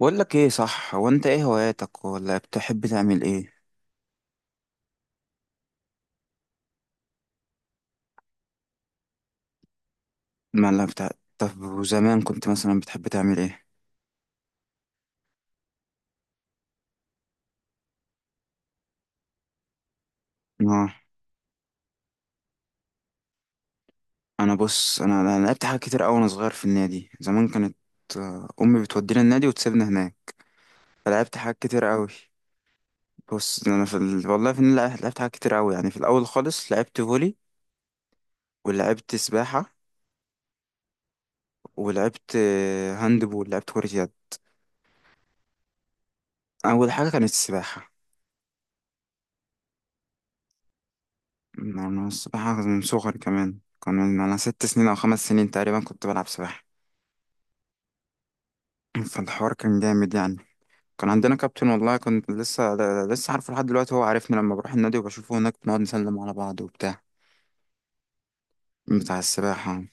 بقول لك ايه، صح؟ هو انت ايه هواياتك، ولا بتحب تعمل ايه؟ ما لا بتاع. طب وزمان كنت مثلا بتحب تعمل ايه؟ اه، انا بص، انا لعبت حاجات كتير قوي وانا صغير في النادي. زمان كانت، امي بتودينا النادي وتسيبنا هناك. فلعبت حاجات كتير قوي. بص انا في والله في النادي لعبت حاجات كتير قوي يعني. في الاول خالص لعبت فولي، ولعبت سباحة، ولعبت هاند بول. لعبت كرة يد. اول حاجة كانت السباحة. أنا السباحة من صغري كمان. كان من أنا ست سنين أو خمس سنين تقريبا كنت بلعب سباحة. فالحوار كان جامد يعني. كان عندنا كابتن والله. كنت لسه لسه عارفه لحد دلوقتي. هو عارفني لما بروح النادي وبشوفه هناك، بنقعد نسلم على بعض وبتاع، بتاع السباحة.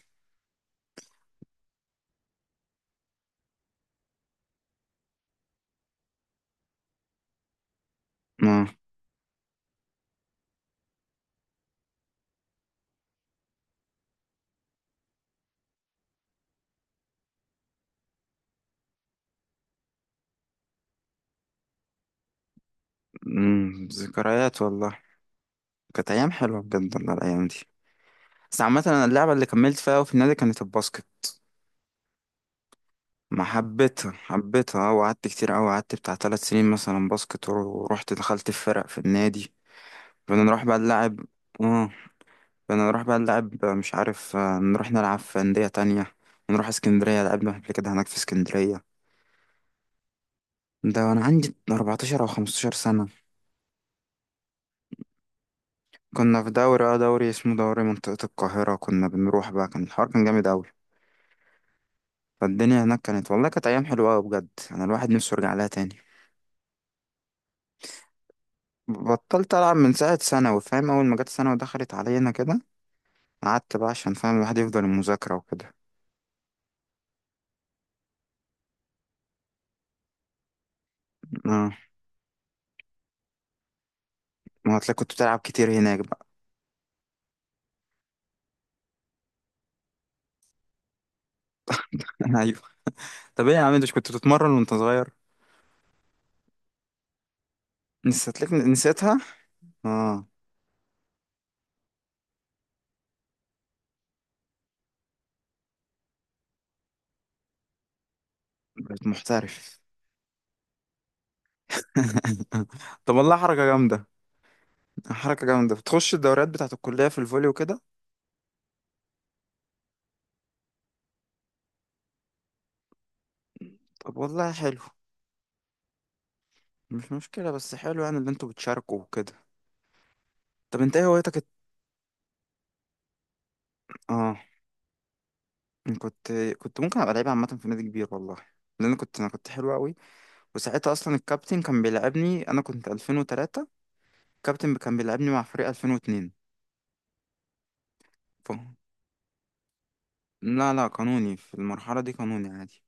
آه. ذكريات والله. كانت أيام حلوة بجد والله، الأيام دي. بس عامة أنا اللعبة اللي كملت فيها أوي في النادي كانت الباسكت. ما حبيتها حبيتها أه، وقعدت كتير أوي، قعدت بتاع تلات سنين مثلا باسكت. ورحت دخلت في فرق في النادي، كنا نروح بقى نلعب. اه، كنا نروح بقى نلعب، مش عارف، نروح نلعب في أندية تانية. نروح اسكندرية، لعبنا قبل كده هناك في اسكندرية. ده وأنا عندي 14 أو 15 سنة. كنا في دوري، اه، دوري اسمه دوري منطقة القاهرة. كنا بنروح بقى، كان الحوار كان جامد أوي. فالدنيا هناك كانت، والله كانت أيام حلوة أوي بجد. أنا الواحد نفسه يرجع لها تاني. بطلت ألعب من ساعة ثانوي، فاهم؟ أول ما جت ثانوي ودخلت علينا كده، قعدت بقى عشان فاهم الواحد يفضل المذاكرة وكده. اه، ما هتلاقي كنت بتلعب كتير هناك بقى. طب ايه يا عم، انت مش كنت بتتمرن وانت صغير؟ نسيت لك، نسيتها. اه، بقيت محترف. طب والله حركة جامدة. حركة جامدة، بتخش الدوريات بتاعة الكلية في الفولي وكده. طب والله حلو. مش مشكلة، بس حلو يعني، اللي انتوا بتشاركوا وكده. طب انت ايه هوايتك اه، كنت كنت ممكن ابقى لعيب عامة في نادي كبير والله. لان كنت، انا كنت حلو قوي. وساعتها اصلا الكابتن كان بيلعبني، انا كنت 2003. الكابتن كان بيلعبني مع فريق 2002. ف... لا لا قانوني، في المرحلة دي قانوني عادي.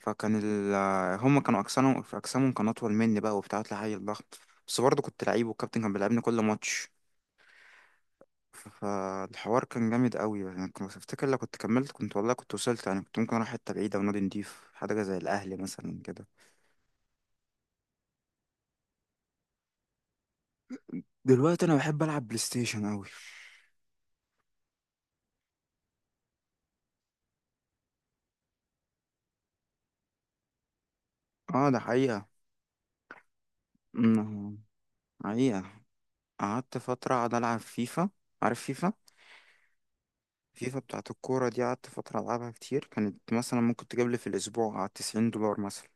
فكان ال... هم كانوا اجسامهم، في اجسامهم كان اطول مني بقى وبتاع، طلع عيل ضخم. بس برضه كنت لعيب والكابتن كان بيلعبني كل ماتش. فالحوار كان جامد قوي يعني. كنت افتكر لو كنت كملت، كنت والله كنت وصلت يعني. كنت ممكن اروح حته بعيده، ونادي نضيف حاجه زي الاهلي مثلا كده. دلوقتي انا بحب العب بلاي ستيشن قوي. اه، ده حقيقه. أمم، حقيقه. قعدت فتره قاعد العب فيفا. عارف فيفا؟ فيفا بتاعت الكوره دي، قعدت فتره العبها كتير. كانت مثلا ممكن تجيب لي في الاسبوع على 90 دولار مثلا.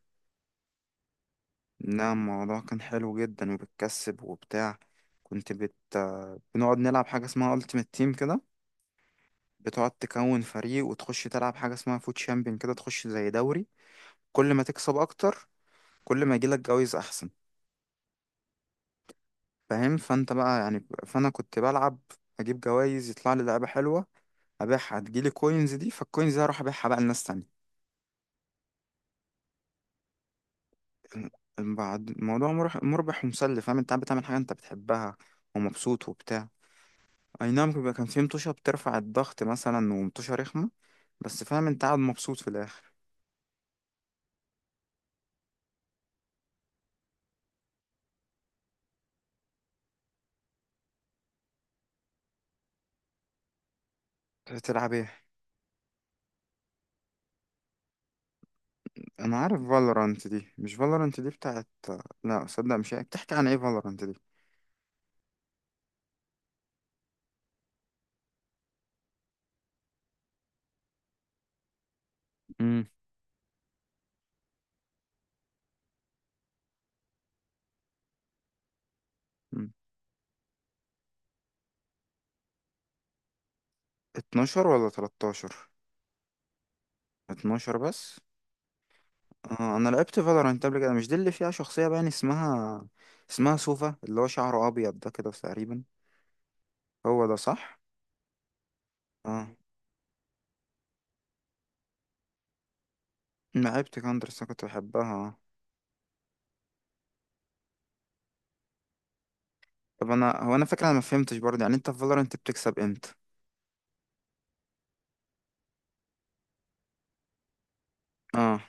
لا، الموضوع كان حلو جدا، وبتكسب وبتاع. كنت بت بنقعد نلعب حاجة اسمها Ultimate Team كده. بتقعد تكون فريق وتخش تلعب حاجة اسمها فوت شامبيون كده، تخش زي دوري. كل ما تكسب أكتر، كل ما يجيلك جوايز أحسن. فاهم؟ فأنت بقى يعني، فأنا كنت بلعب، أجيب جوايز، يطلع لي لعبة حلوة أبيعها، تجيلي كوينز دي، فالكوينز دي هروح أبيعها بقى لناس تانية. بعد، الموضوع مربح، مربح ومسلي. فاهم؟ أنت قاعد بتعمل حاجة أنت بتحبها، ومبسوط وبتاع. اي نعم، بيبقى كان في مطوشة بترفع الضغط مثلا، ومطوشة رخمة. بس فاهم، انت قاعد مبسوط في الاخر. تلعب ايه؟ انا عارف فالورانت دي. مش فالورانت دي بتاعت، لا صدق، مش هي. بتحكي عن ايه فالورانت دي؟ امم 12 ولا 13؟ 12 بس. آه، انا لعبت فالورانت قبل كده. مش دي اللي فيها شخصية باين اسمها، اسمها سوفا، اللي هو شعره ابيض ده كده تقريبا؟ هو ده صح؟ اه، لعبت كاندر بس أنا كنت بحبها. طب انا، هو انا فاكر، انا ما فهمتش برضه يعني، انت في فالورانت بتكسب امتى؟ اه.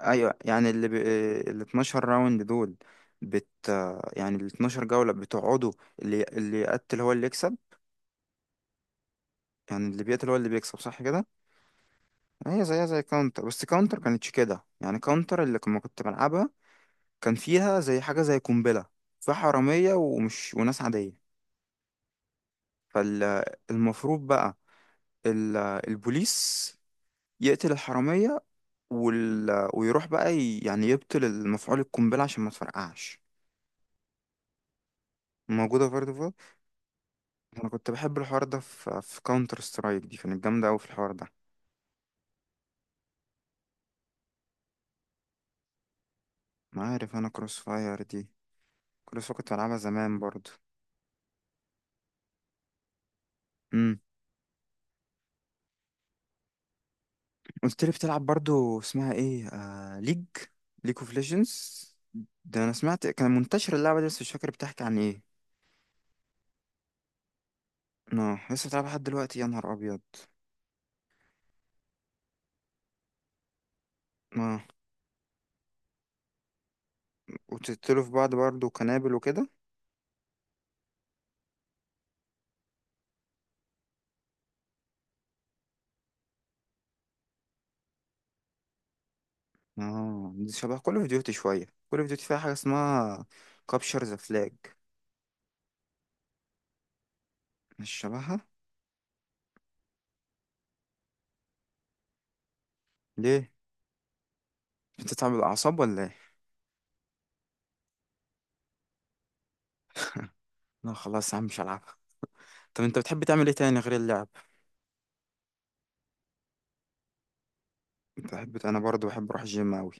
ايوه يعني ال 12 راوند دول، بت يعني ال 12 جولة بتقعدوا، اللي يقتل هو اللي يكسب. يعني اللي بيقتل هو اللي بيكسب، صح كده؟ هي زيها زي كاونتر، بس كاونتر كانتش كده يعني. كاونتر اللي لما كنت بلعبها، كان فيها زي حاجة زي قنبلة. فيها حرامية، ومش، وناس عادية. فالمفروض بقى ال... البوليس يقتل الحرامية، ويروح بقى يعني يبطل المفعول القنبلة عشان ما تفرقعش. موجودة برضه. انا كنت بحب الحوار ده في كاونتر سترايك. دي كانت جامده قوي في الحوار ده. ما عارف انا كروس فاير دي. كروس فاير كنت بلعبها زمان برضو. امم قلت لي بتلعب برضو اسمها ايه؟ ليج، ليج اوف ليجندز. ده انا سمعت كان منتشر اللعبه دي، بس مش فاكر بتحكي عن ايه. اه، لسه بتلعبها لحد دلوقتي؟ يا نهار ابيض. اه، وتقتلوا في بعض برضو كنابل وكده. اه، دي شبه كل اوف ديوتي. شويه كل اوف ديوتي فيها حاجه اسمها كابشر ذا فلاج. مش شبهها. ليه؟ بتتعب الاعصاب ولا ايه؟ لا خلاص يا عم، مش هلعبها. طب انت بتحب تعمل ايه تاني غير اللعب؟ بتحب، انا برضه بحب اروح الجيم اوي.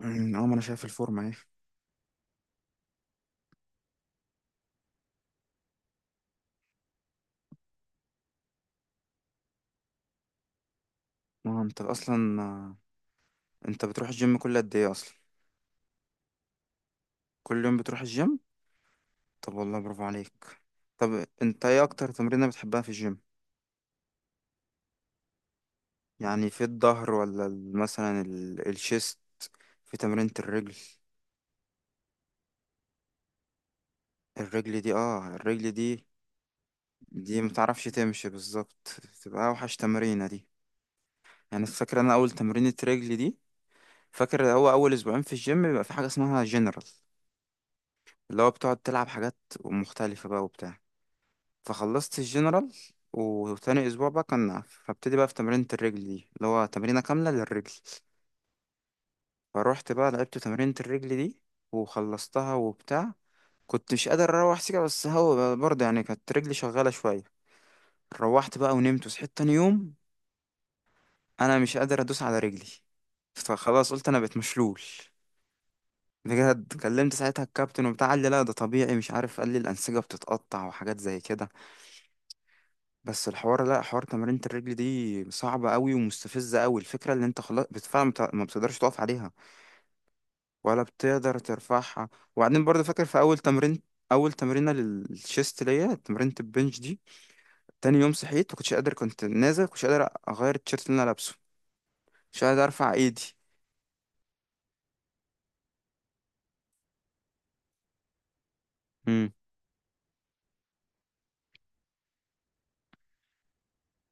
اه، ما انا شايف الفورمه. ايه، اه، انت اصلا، انت بتروح الجيم كل قد ايه اصلا؟ كل يوم بتروح الجيم؟ طب والله برافو عليك. طب انت ايه اكتر تمرينه بتحبها في الجيم؟ يعني في الظهر ولا مثلا الشيست؟ في تمرينة الرجل؟ الرجل دي، اه الرجل دي، دي متعرفش تمشي بالظبط، بتبقى اوحش تمرينه دي. يعني فاكر انا اول تمرينة رجل دي، فاكر هو اول اسبوعين في الجيم بيبقى في حاجه اسمها جنرال، اللي هو بتقعد تلعب حاجات مختلفه بقى وبتاع. فخلصت الجنرال، وتاني اسبوع بقى كان، فابتدي بقى في تمرينة الرجل دي اللي هو تمرينة كاملة للرجل. فروحت بقى لعبت تمرينة الرجل دي، وخلصتها وبتاع. كنت مش قادر اروح سكة، بس هو برضه يعني كانت رجلي شغالة شوية. روحت بقى ونمت وصحيت تاني يوم، انا مش قادر ادوس على رجلي. فخلاص قلت انا بقيت مشلول. بجد، كلمت ساعتها الكابتن وبتاع، قال لي لا ده طبيعي، مش عارف، قال لي الأنسجة بتتقطع وحاجات زي كده. بس الحوار، لا، حوار تمرينة الرجل دي صعبة قوي ومستفزة قوي. الفكرة اللي انت خلاص بالفعل ما بتقدرش تقف عليها، ولا بتقدر ترفعها. وبعدين برضه فاكر في أول تمرين، أول تمرينة للشيست ليا، تمرينة البنش دي. تاني يوم صحيت مكنتش قادر، كنت نازل مكنتش قادر أغير التيشيرت اللي أنا لابسه. مش قادر أرفع إيدي. امم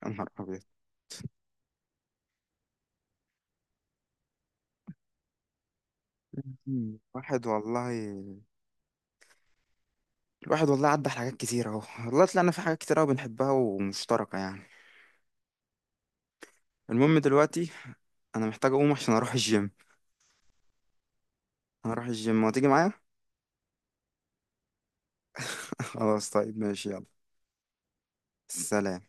يا نهار أبيض. مم. واحد والله، الواحد والله عدى على حاجات كتير اهو والله. طلعنا في حاجات كتير قوي بنحبها ومشتركة يعني. المهم دلوقتي، انا محتاج اقوم عشان اروح الجيم. هروح الجيم، وتيجي معايا؟ خلاص، طيب ماشي، يلا. سلام.